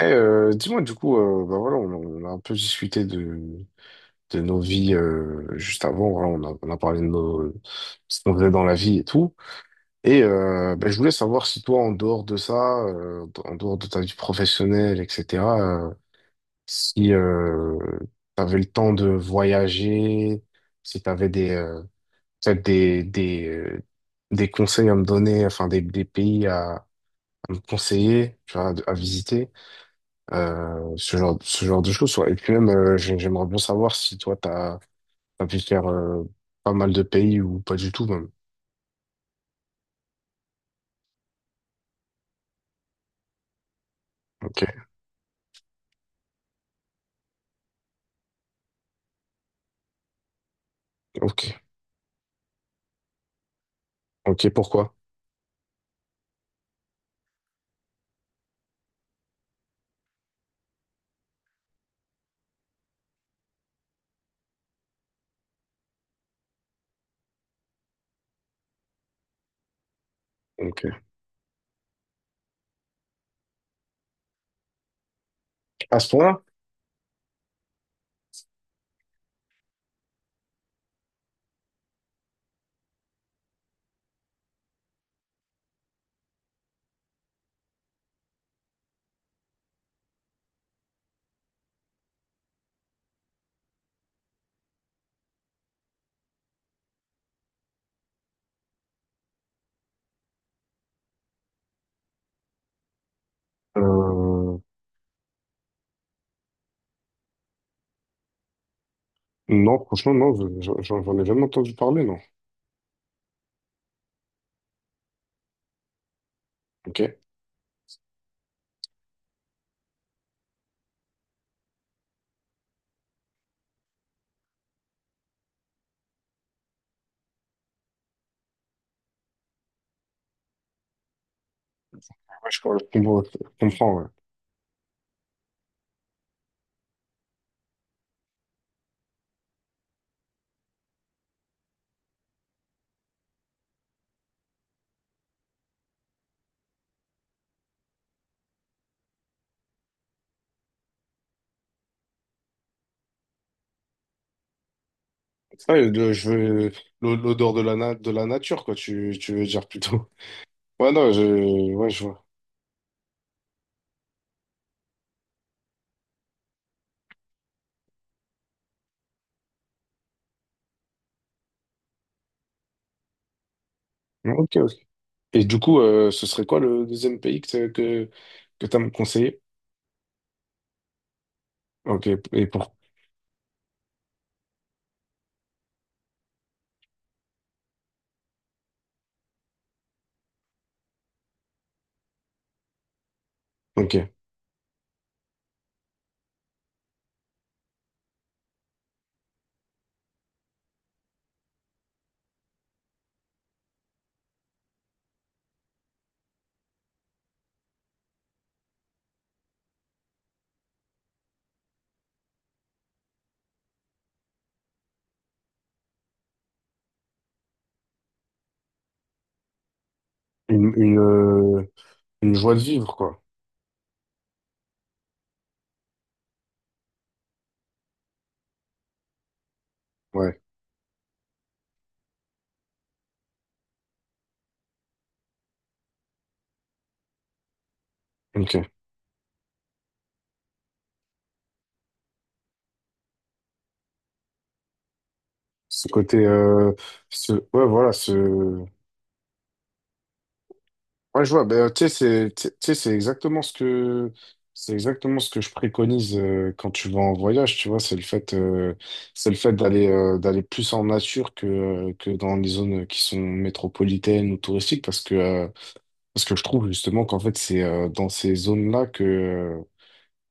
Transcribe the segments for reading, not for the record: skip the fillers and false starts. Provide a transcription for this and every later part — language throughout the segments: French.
Dis-moi, du coup, voilà, on a un peu discuté de nos vies juste avant. Voilà, on a parlé de ce qu'on faisait dans la vie et tout. Et je voulais savoir si toi, en dehors de ça, en dehors de ta vie professionnelle, etc., euh, si tu avais le temps de voyager, si tu avais peut-être des conseils à me donner, enfin des pays à me conseiller, tu vois, à visiter. Ce genre de choses. Ouais. Et puis même, j'aimerais bien savoir si toi, t'as pu faire pas mal de pays ou pas du tout même. Ok, ok. Ok, pourquoi? Ok. À ce point-là, euh, non, franchement, non, j'en ai jamais entendu parler, non. Ok. Ouais, je, je je comprends, ouais. Ah, le- je veux l'odeur de la nature, quoi, tu veux dire plutôt. Ouais, non, je vois. Ok, ok. Et du coup, ce serait quoi le deuxième pays que tu as me conseillé? Ok, et pour... Ok. Une, une, euh, une joie de vivre, quoi. Ouais, ok. Ce côté... Ouais, voilà, ce... Ouais, je vois, ben, tu sais, c'est exactement ce que... C'est exactement ce que je préconise quand tu vas en voyage, tu vois, c'est le fait d'aller d'aller plus en nature que dans les zones qui sont métropolitaines ou touristiques, parce que je trouve justement qu'en fait, c'est dans ces zones-là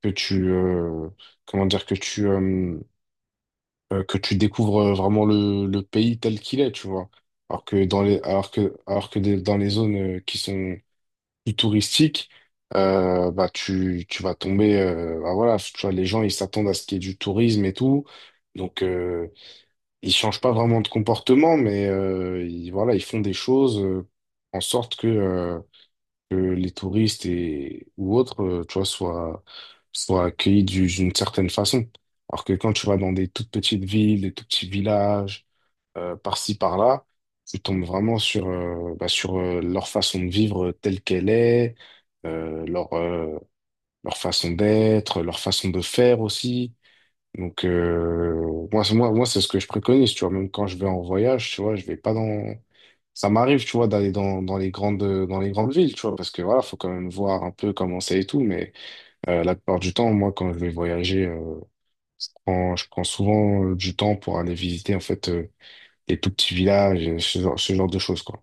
que comment dire, que tu découvres vraiment le pays tel qu'il est, tu vois. Alors que dans les, alors que des- dans les zones qui sont plus touristiques, tu vas tomber, voilà, tu vois, les gens ils s'attendent à ce qu'il y ait du tourisme et tout, donc euh, ils changent pas vraiment de comportement, mais ils, voilà, ils font des choses en sorte que les touristes et ou autres, tu vois, soient, soient accueillis d'une certaine façon. Alors que quand tu vas dans des toutes petites villes, des tout petits villages, par-ci, par-là, tu tombes vraiment sur, sur leur façon de vivre telle qu'elle est, euh, leur, euh, leur façon d'être, leur façon de faire aussi. Donc, moi, c'est ce que je préconise, tu vois. Même quand je vais en voyage, tu vois, je vais pas dans. Ça m'arrive, tu vois, dans les grandes villes, tu vois, parce que voilà, faut quand même voir un peu comment c'est et tout. Mais la plupart du temps, moi, quand je vais voyager, je prends souvent du temps pour aller visiter, en fait, les tout petits villages, ce genre de choses, quoi.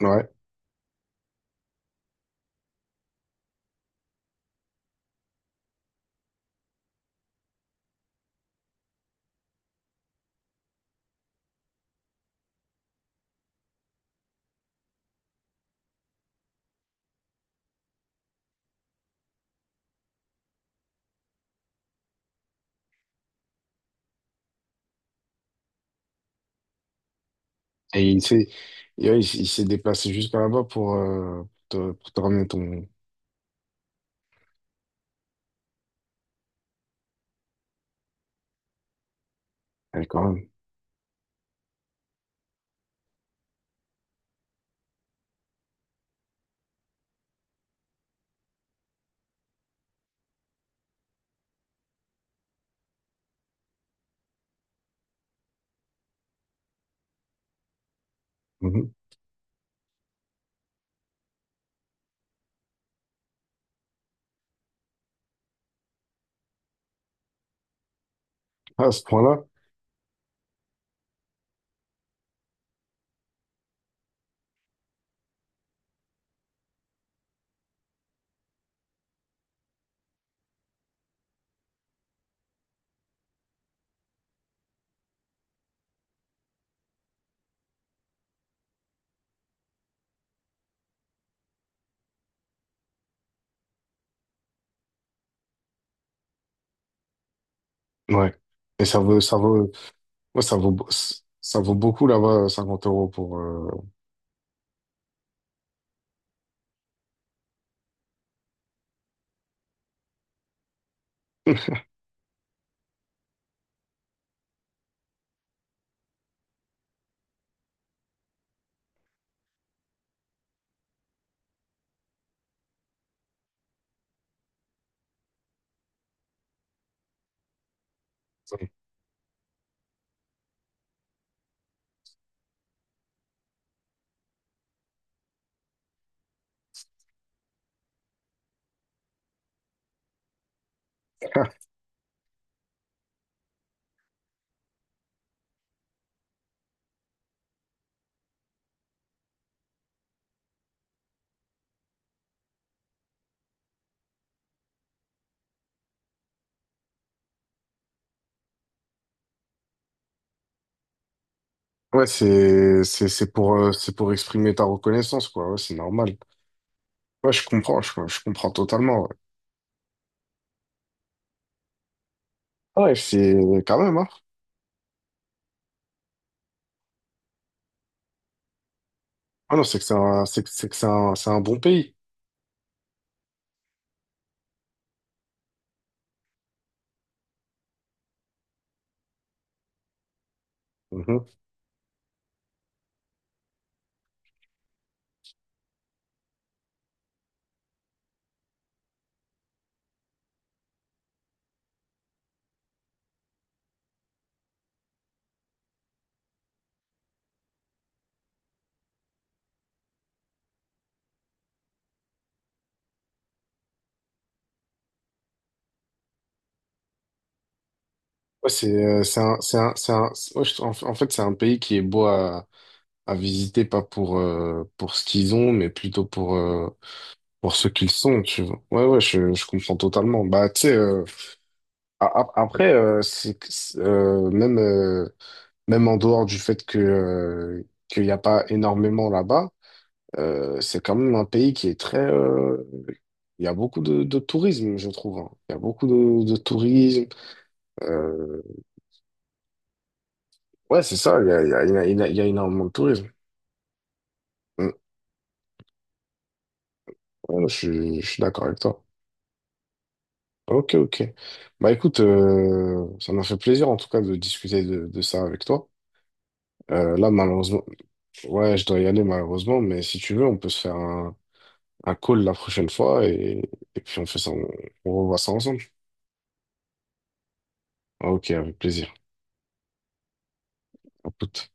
Ouais. Et il s'est, et ouais, il s'est déplacé jusqu'à là-bas pour, pour te ramener ton. Ouais, quand même. Mhm. Ah, à ce point-là? Ouais. Et ouais, ça vaut, ça vaut beaucoup là-bas, cinquante euros pour, Ouais, c'est pour exprimer ta reconnaissance, quoi. Ouais, c'est normal. Ouais, je comprends totalement. Ouais, ouais, c'est quand même, hein. Ah non, c'est un bon pays. Mhm. Ouais, c'est un, c'est un, c'est un- c'est- ouais, je- en, en fait, c'est un pays qui est beau à visiter, pas pour, pour ce qu'ils ont, mais plutôt pour ce qu'ils sont, tu vois. Ouais, ouais, je comprends totalement. Bah, tu sais, après, même, même en dehors du fait qu'il n'y a pas énormément là-bas, c'est quand même un pays qui est très... il y a beaucoup de tourisme, je trouve, hein. Il y a beaucoup de tourisme. Euh, ouais, c'est ça, il y a, il y a, il y a il y a énormément de tourisme. Mm. Voilà, je suis d'accord avec toi. Ok, ok. Bah écoute, ça m'a fait plaisir en tout cas de discuter de ça avec toi. Là, malheureusement, ouais, je dois y aller malheureusement, mais si tu veux, on peut se faire un call la prochaine fois et puis on fait ça, on revoit ça ensemble. Ok, avec plaisir. À toute.